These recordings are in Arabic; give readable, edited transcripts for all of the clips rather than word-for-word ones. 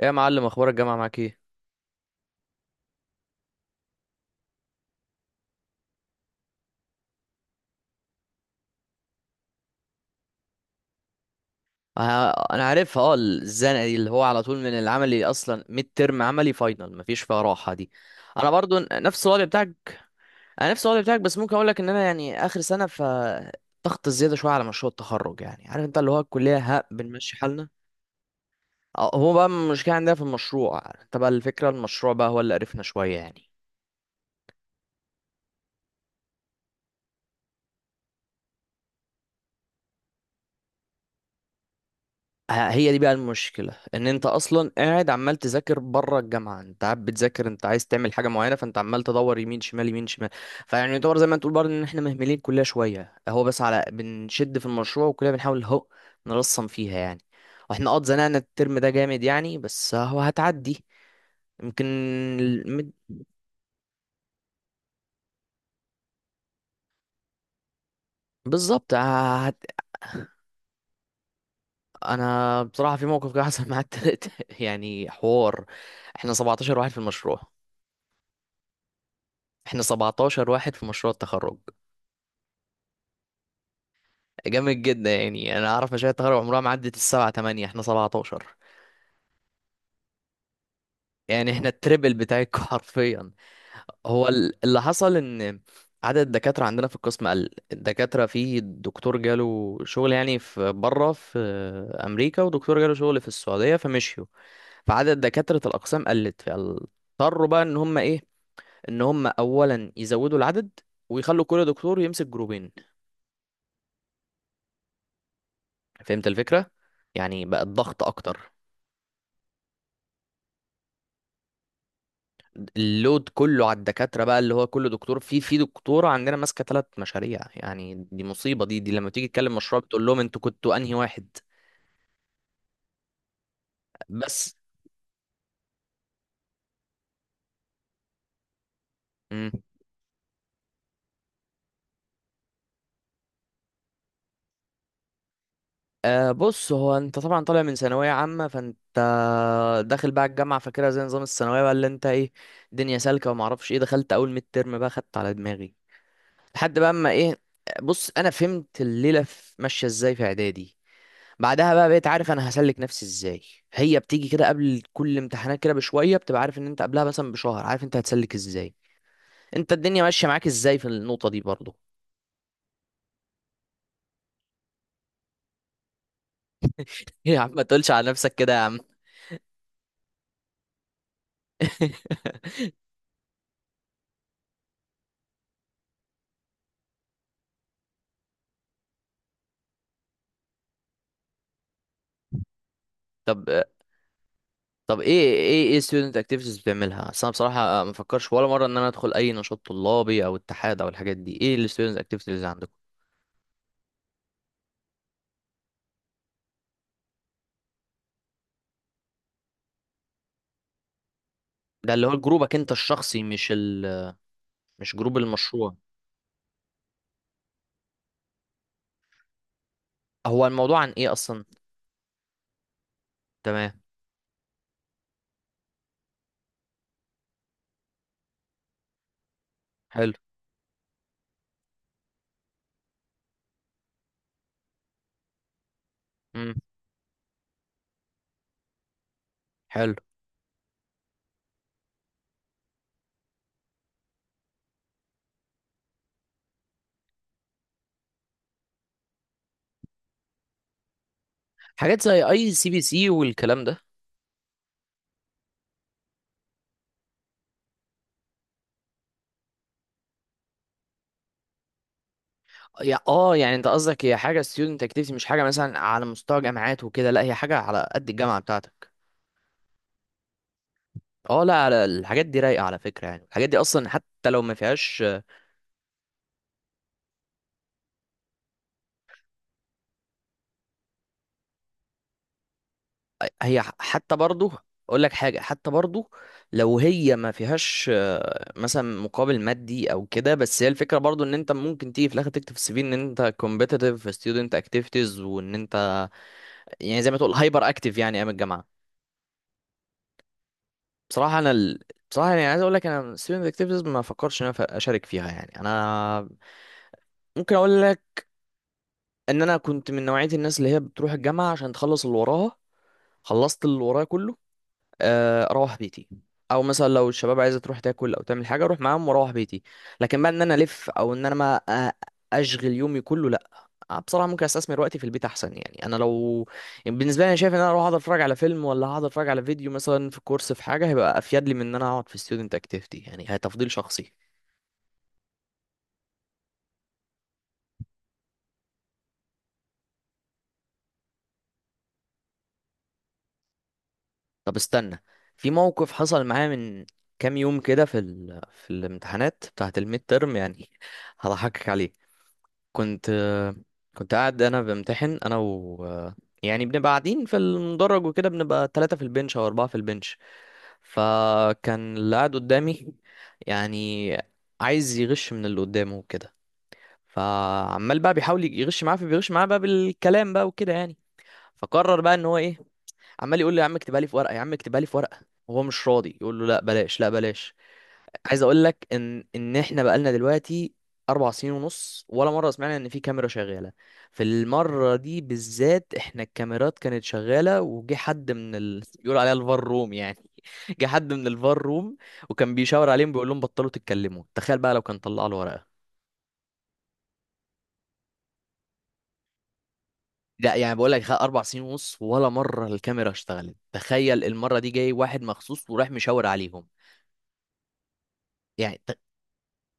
ايه يا معلم، اخبار الجامعه معاك ايه؟ انا عارفها. اه، الزنقه دي اللي هو على طول من العملي اصلا. ميد ترم، عملي، فاينل، مفيش فيها راحه دي. انا برضو نفس الوضع بتاعك. انا نفس الوضع بتاعك، بس ممكن اقول لك ان انا يعني اخر سنه ف ضغط زياده شويه على مشروع التخرج. يعني عارف انت اللي هو الكليه ها بنمشي حالنا. هو بقى المشكله عندنا في المشروع، انت بقى الفكره المشروع بقى هو اللي قرفنا شويه يعني. هي دي بقى المشكلة ان انت اصلا قاعد عمال تذاكر بره الجامعة. انت قاعد بتذاكر، انت عايز تعمل حاجة معينة، فانت عمال تدور يمين شمال يمين شمال. فيعني يعتبر زي ما تقول برضه ان احنا مهملين الكلية شوية، هو بس على بنشد في المشروع وكلنا بنحاول هو نرسم فيها يعني. واحنا اه اتزنقنا الترم ده جامد يعني، بس هو هتعدي يمكن. المد- بالظبط. انا بصراحة في موقف كده حصل معايا التالت يعني حوار. احنا 17 واحد في المشروع. احنا 17 واحد في مشروع التخرج. جامد جدا يعني، انا اعرف مشاهد تخرج عمرها ما عدت السبعة تمانية، احنا 17. يعني احنا التربل بتاعك حرفيا. هو اللي حصل ان عدد الدكاترة عندنا في القسم قل. الدكاترة، في دكتور جاله شغل يعني في بره في امريكا، ودكتور جاله شغل في السعودية فمشيوا. فعدد دكاترة الاقسام قلت، فاضطروا بقى ان هم ايه، ان هم اولا يزودوا العدد ويخلوا كل دكتور يمسك جروبين. فهمت الفكرة؟ يعني بقى الضغط اكتر. اللود كله على الدكاترة بقى، اللي هو كل دكتور في دكتورة عندنا ماسكة ثلاث مشاريع. يعني دي مصيبة دي، لما تيجي تكلم مشروع بتقول لهم انتوا كنتوا انهي واحد. بس. مم. آه، بص هو انت طبعا طالع من ثانوية عامة، فانت داخل بقى الجامعة فاكرها زي نظام الثانوية بقى اللي انت ايه، دنيا سالكة وما اعرفش ايه. دخلت اول ميد ترم بقى خدت على دماغي لحد بقى اما ايه. بص، انا فهمت الليلة ماشية ازاي في اعدادي. بعدها بقى بقيت عارف انا هسلك نفسي ازاي. هي بتيجي كده قبل كل امتحانات كده بشويه، بتبقى عارف ان انت قبلها مثلا بشهر عارف انت هتسلك ازاي. انت الدنيا ماشيه معاك ازاي في النقطه دي برضه؟ يا عم ما تقولش على نفسك كده يا عم. طب، ايه ايه student activities بتعملها؟ اصل انا بصراحه ما فكرش ولا مره ان انا ادخل اي نشاط طلابي او اتحاد او الحاجات دي. ايه ال student activities اللي عندكم؟ ده اللي هو جروبك انت الشخصي مش ال مش جروب المشروع؟ هو الموضوع عن ايه اصلا؟ تمام. حلو. امم. حلو. حاجات زي اي سي بي سي والكلام ده. يا اه، يعني انت قصدك هي حاجه ستودنت اكتيفيتي مش حاجه مثلا على مستوى جامعات وكده، لا هي حاجه على قد الجامعه بتاعتك. اه، لا على الحاجات دي رايقه على فكره. يعني الحاجات دي اصلا حتى لو ما فيهاش. حتى برضه اقول لك حاجه، حتى برضه لو هي ما فيهاش مثلا مقابل مادي او كده، بس هي الفكره برضه ان انت ممكن تيجي في الاخر تكتب في السي في ان انت كومبيتيتيف في ستودنت اكتيفيتيز وان انت يعني زي ما تقول هايبر اكتيف يعني ايام الجامعه. بصراحة أنا بصراحة يعني عايز أقول لك، أنا student activities ما فكرش إن أنا أشارك فيها. يعني أنا ممكن أقول لك إن أنا كنت من نوعية الناس اللي هي بتروح الجامعة عشان تخلص اللي وراها. خلصت اللي ورايا كله، اروح بيتي، او مثلا لو الشباب عايزه تروح تاكل او تعمل حاجه اروح معاهم واروح بيتي. لكن بقى ان انا الف او ان انا ما أ- اشغل يومي كله، لا. بصراحه ممكن استثمر وقتي في البيت احسن. يعني انا لو يعني بالنسبه لي انا شايف ان انا اروح اقعد اتفرج على فيلم، ولا هقعد اتفرج على فيديو مثلا في كورس في حاجه، هيبقى افيد لي من ان انا اقعد في ستودنت اكتيفيتي. يعني هي تفضيل شخصي. طب استنى، في موقف حصل معايا من كام يوم كده في في الامتحانات بتاعه الميد ترم، يعني هضحكك عليه. كنت كنت قاعد انا بمتحن انا و يعني بنبقى قاعدين في المدرج وكده، بنبقى ثلاثة في البنش او أربعة في البنش. فكان اللي قاعد قدامي يعني عايز يغش من اللي قدامه وكده. فعمال بقى بيحاول يغش معاه، فبيغش معاه بقى بالكلام بقى وكده يعني. فقرر بقى ان هو ايه، عمال يقول له يا عم اكتبها لي في ورقة، يا عم اكتبها لي في ورقة، وهو مش راضي يقول له لا بلاش، لا بلاش. عايز اقول لك ان احنا بقالنا دلوقتي اربع سنين ونص ولا مره سمعنا ان في كاميرا شغاله. في المره دي بالذات، احنا الكاميرات كانت شغاله وجه حد من بيقول عليها الفار روم يعني. جه حد من الفار روم وكان بيشاور عليهم بيقول لهم بطلوا تتكلموا. تخيل بقى لو كان طلع له ورقه. لا يعني بقول لك، اربع سنين ونص ولا مره الكاميرا اشتغلت، تخيل المره دي جاي واحد مخصوص وراح مشاور عليهم. يعني ت...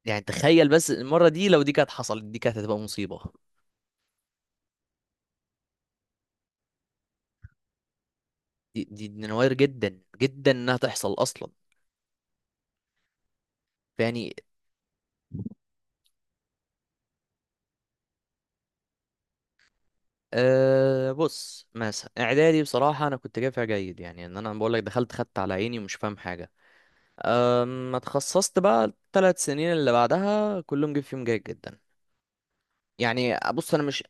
يعني تخيل بس، المره دي لو دي كانت حصلت دي كانت هتبقى مصيبه. دي نوادر جدا جدا انها تحصل اصلا. يعني أه، بص مثلا اعدادي بصراحه انا كنت جايب فيها جيد يعني، ان انا بقول لك دخلت خدت على عيني ومش فاهم حاجه. ما اتخصصت بقى الثلاث سنين اللي بعدها كلهم جيب فيهم جيد جدا. يعني بص انا مش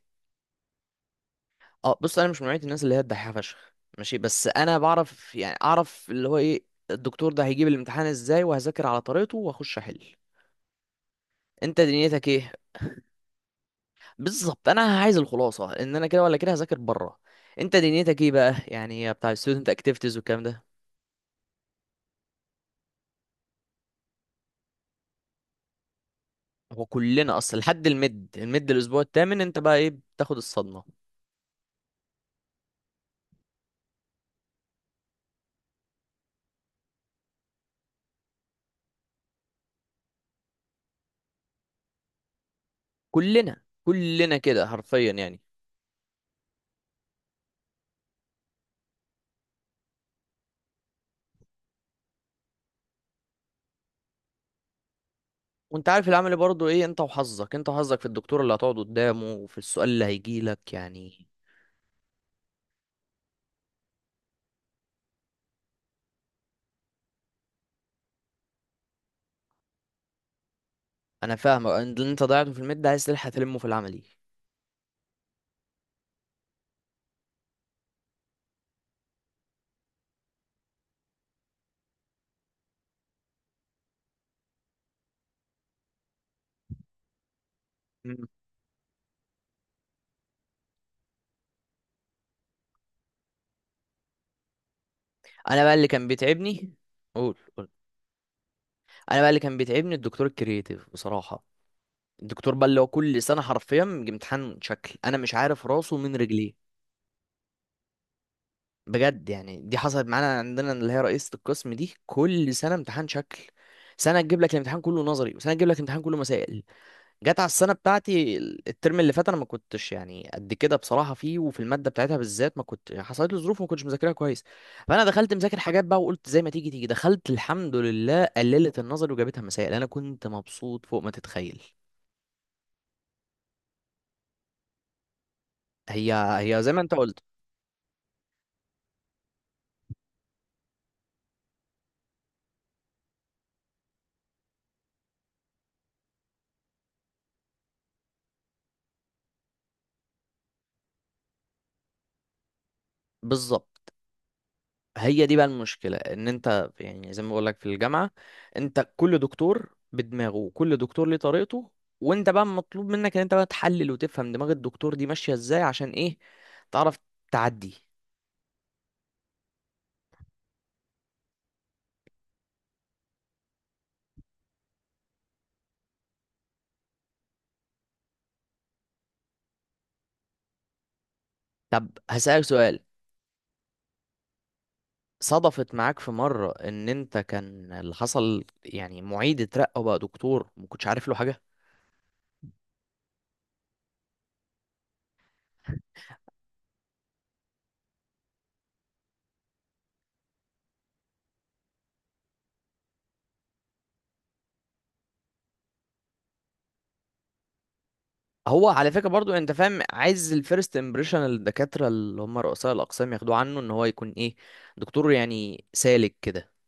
اه، بص انا مش من نوعيه الناس اللي هي الدحيحه فشخ ماشي، بس انا بعرف يعني اعرف اللي هو ايه الدكتور ده هيجيب الامتحان ازاي، وهذاكر على طريقته واخش احل. انت دنيتك ايه؟ بالظبط، انا عايز الخلاصه ان انا كده ولا كده هذاكر بره. انت دنيتك ايه بقى يعني بتاع الستودنت اكتيفيتيز والكلام ده؟ هو كلنا اصلا لحد المد الاسبوع الثامن انت بقى ايه، بتاخد الصدمه. كلنا كده حرفيا يعني. وانت عارف العمل برضه ايه، انت وحظك، في الدكتور اللي هتقعد قدامه وفي السؤال اللي هيجي لك يعني. انا فاهمك، ان اللي انت ضيعته في المد عايز تلحق تلمه في العملي. مم. انا بقى اللي كان بيتعبني. قول، انا بقى اللي كان بيتعبني الدكتور الكرييتيف بصراحه. الدكتور بقى اللي هو كل سنة حرفيا بيجي امتحان شكل، أنا مش عارف راسه من رجليه. بجد يعني، دي حصلت معانا عندنا، اللي هي رئيسة القسم دي كل سنة امتحان شكل. سنة تجيب لك الامتحان كله نظري، وسنة تجيب لك الامتحان كله مسائل. جت على السنة بتاعتي الترم اللي فات، أنا ما كنتش يعني قد كده بصراحة فيه، وفي المادة بتاعتها بالذات ما كنت حصلت لي ظروف ما كنتش مذاكرها كويس. فأنا دخلت مذاكر حاجات بقى وقلت زي ما تيجي تيجي، دخلت الحمد لله قللت النظري وجابتها مسائل، أنا كنت مبسوط فوق ما تتخيل. هي هي زي ما أنت قلت، بالظبط. هي دي بقى المشكلة، ان انت يعني زي ما بقول لك في الجامعة، انت كل دكتور بدماغه وكل دكتور ليه طريقته. وانت بقى مطلوب منك ان انت بقى تحلل وتفهم دماغ الدكتور دي ماشية ازاي عشان ايه، تعرف تعدي. طب هسألك سؤال، صدفت معاك في مرة ان انت كان اللي حصل يعني معيد اترقى وبقى دكتور ما كنتش عارف له حاجة؟ هو على فكرة برضو انت فاهم، عايز الفيرست امبريشن الدكاترة اللي هم رؤساء الاقسام ياخدوه عنه ان هو يكون ايه، دكتور يعني سالك كده.